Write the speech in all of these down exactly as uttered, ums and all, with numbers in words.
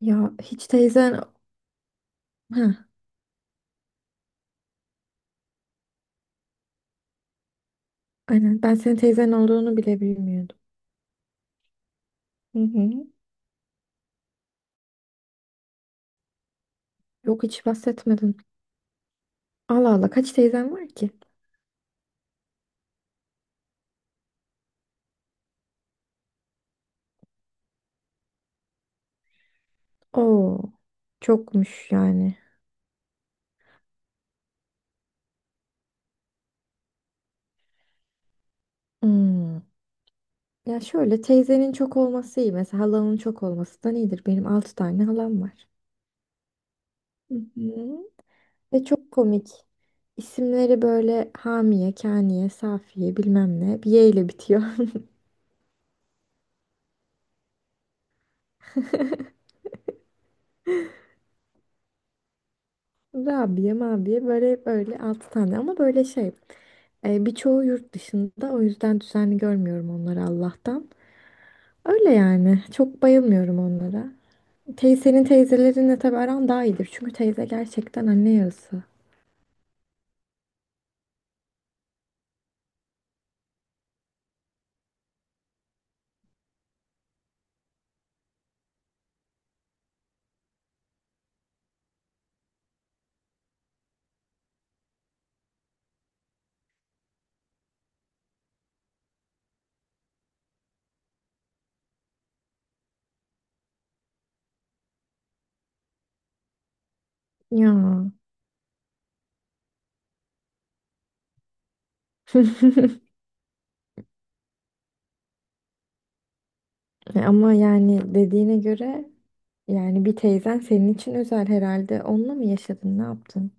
Ya hiç teyzen... Heh, aynen ben senin teyzen olduğunu bile bilmiyordum. Hı hı. Yok hiç bahsetmedin. Allah Allah kaç teyzen var ki? Oo, çokmuş yani. Hmm. Ya şöyle teyzenin çok olması iyi. Mesela halanın çok olması da iyidir. Benim altı tane halam var. Hı hı. Ve çok komik. İsimleri böyle Hamiye, Kaniye, Safiye bilmem ne. Bir ye ile bitiyor. Rabia mabiye böyle böyle altı tane ama böyle şey e, birçoğu yurt dışında o yüzden düzenli görmüyorum onları Allah'tan. Öyle yani çok bayılmıyorum onlara. Teyzenin teyzelerinle tabii aran daha iyidir çünkü teyze gerçekten anne yarısı. Ya. E, Ama yani dediğine göre yani bir teyzen senin için özel herhalde. Onunla mı yaşadın, ne yaptın?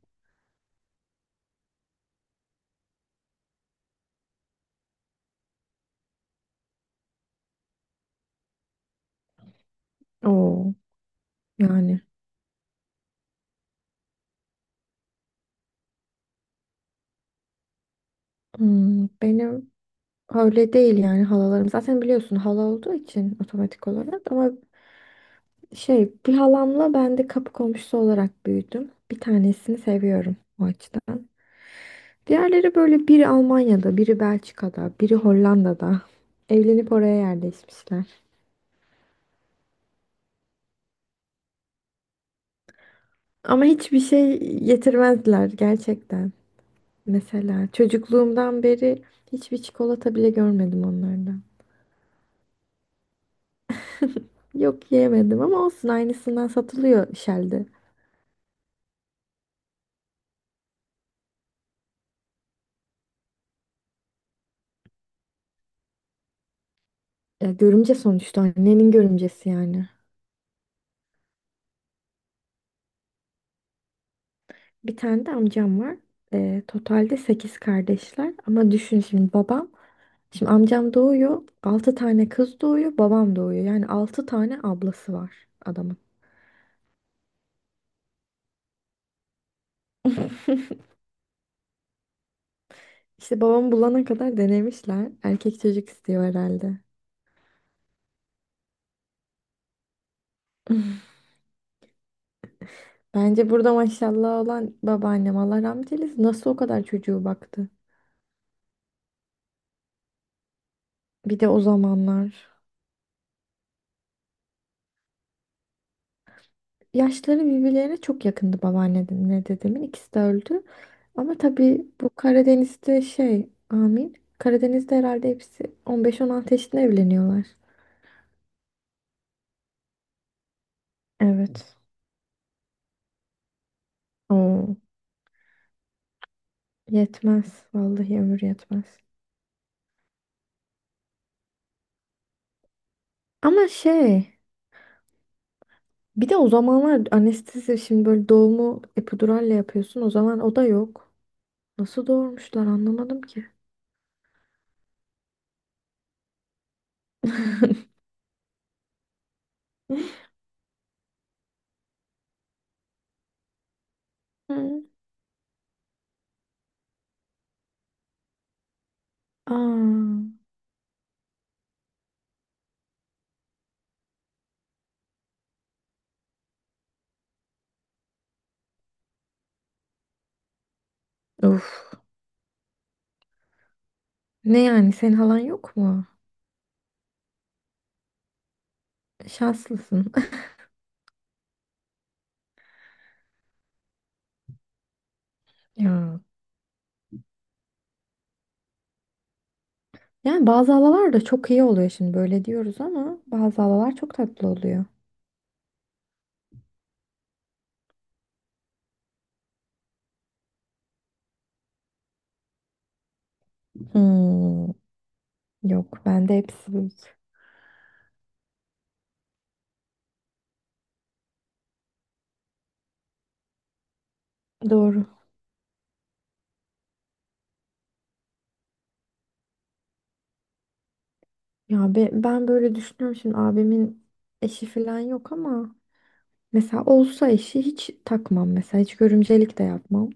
Oo, yani. Hmm, benim. Öyle değil yani halalarım. Zaten biliyorsun hala olduğu için otomatik olarak ama şey bir halamla ben de kapı komşusu olarak büyüdüm. Bir tanesini seviyorum o açıdan. Diğerleri böyle biri Almanya'da, biri Belçika'da, biri Hollanda'da. Evlenip oraya yerleşmişler. Ama hiçbir şey getirmezler gerçekten. Mesela çocukluğumdan beri hiçbir çikolata bile görmedim onlardan. Yok yiyemedim ama olsun aynısından satılıyor Shell'de. Ya görümce sonuçta annenin görümcesi yani. Bir tane de amcam var. Ee, totalde sekiz kardeşler. Ama düşün şimdi babam. Şimdi amcam doğuyor. Altı tane kız doğuyor. Babam doğuyor. Yani altı tane ablası var adamın. İşte babamı bulana kadar denemişler. Erkek çocuk istiyor herhalde. Bence burada maşallah olan babaannem Allah rahmet eylesin. Nasıl o kadar çocuğu baktı? Bir de o zamanlar. Yaşları birbirlerine çok yakındı babaannemle dedemin. İkisi de öldü. Ama tabii bu Karadeniz'de şey, amin. Karadeniz'de herhalde hepsi on beş on altı yaşında evleniyorlar. Evet. Oo, yetmez. Vallahi ömür yetmez. Ama şey, bir de o zamanlar anestezi şimdi böyle doğumu epiduralle yapıyorsun. O zaman o da yok. Nasıl doğurmuşlar anlamadım ki. Hı. Aa, of. Ne yani senin halan yok mu? Şanslısın. Ya. Yani bazı halalar da çok iyi oluyor şimdi böyle diyoruz ama bazı halalar çok tatlı oluyor. Hmm, yok bende hepsi büyük. Doğru. Ya be- ben böyle düşünüyorum şimdi abimin eşi falan yok ama mesela olsa eşi hiç takmam mesela hiç görümcelik de yapmam.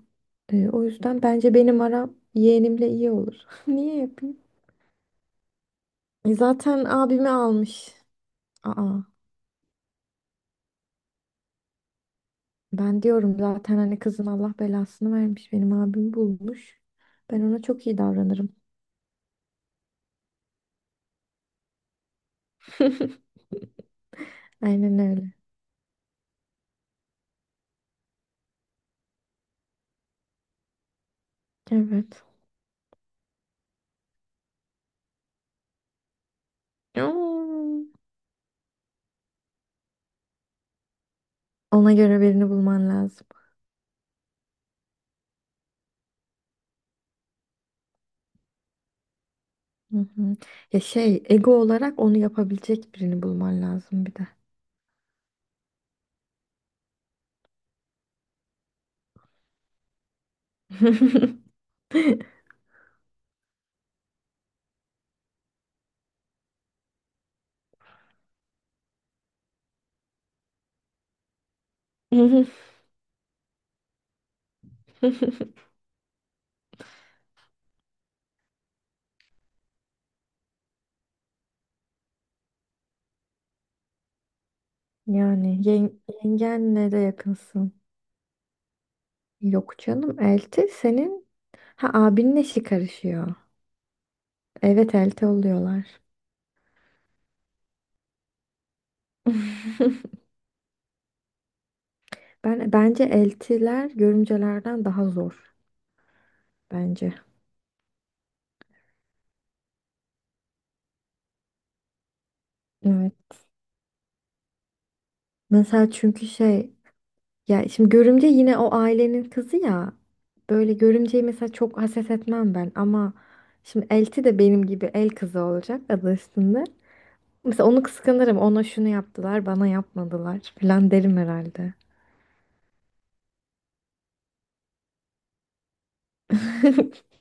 Ee, o yüzden bence benim aram yeğenimle iyi olur. Niye yapayım? E, zaten abimi almış. Aa. Ben diyorum zaten hani kızın Allah belasını vermiş. Benim abim bulmuş. Ben ona çok iyi davranırım. Aynen öyle. Evet. Oo. Ona göre birini bulman lazım. Hı hı. Ya şey, ego olarak onu yapabilecek birini bulman lazım bir de. Yani yen- yengenle de yakınsın. Yok canım, elti senin. Ha, abinin eşi karışıyor. Evet, elti oluyorlar. Ben bence eltiler görümcelerden daha zor bence. Evet. Mesela çünkü şey ya şimdi görümce yine o ailenin kızı ya. Böyle görümceyi mesela çok haset etmem ben ama şimdi elti de benim gibi el kızı olacak adı üstünde. Mesela onu kıskanırım. Ona şunu yaptılar, bana yapmadılar falan derim herhalde.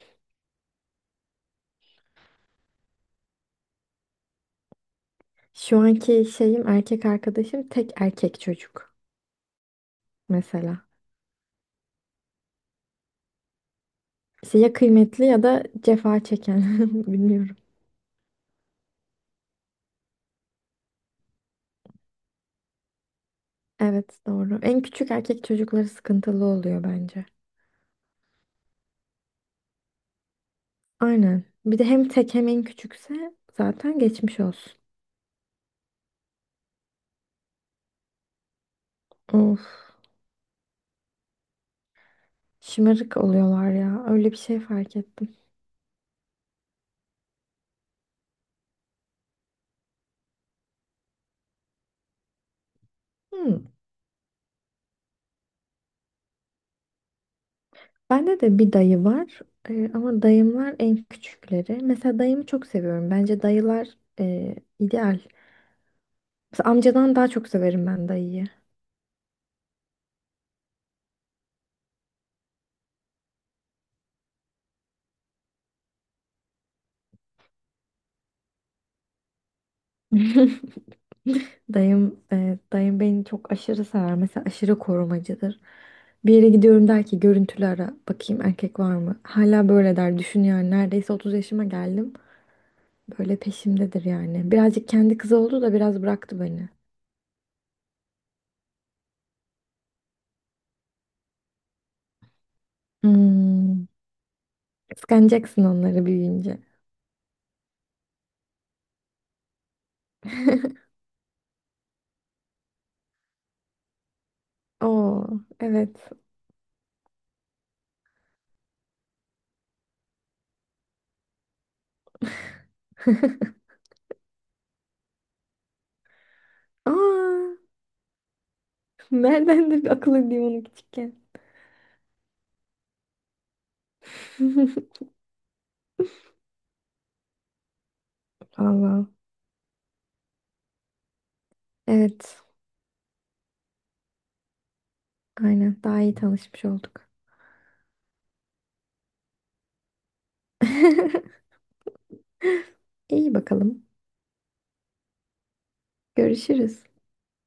Şu anki şeyim erkek arkadaşım tek erkek çocuk mesela. İşte ya kıymetli ya da cefa çeken. Bilmiyorum. Evet, doğru. En küçük erkek çocukları sıkıntılı oluyor bence. Aynen. Bir de hem tek hem en küçükse zaten geçmiş olsun. Of. Şımarık oluyorlar ya. Öyle bir şey fark ettim. Hmm. Bende de bir dayı var. Ee, ama dayımlar en küçükleri. Mesela dayımı çok seviyorum. Bence dayılar e, ideal. Mesela amcadan daha çok severim ben dayıyı. Dayım, e, dayım beni çok aşırı sever. Mesela aşırı korumacıdır. Bir yere gidiyorum der ki görüntülü ara bakayım erkek var mı? Hala böyle der. Düşün yani neredeyse otuz yaşıma geldim. Böyle peşimdedir yani. Birazcık kendi kızı oldu da biraz bıraktı beni. Hmm. Kıskanacaksın onları büyüyünce. Oo, evet. Aa, nereden de bir akıl edeyim onu küçükken. Allah. Evet. Aynen. Daha iyi tanışmış olduk. İyi bakalım. Görüşürüz.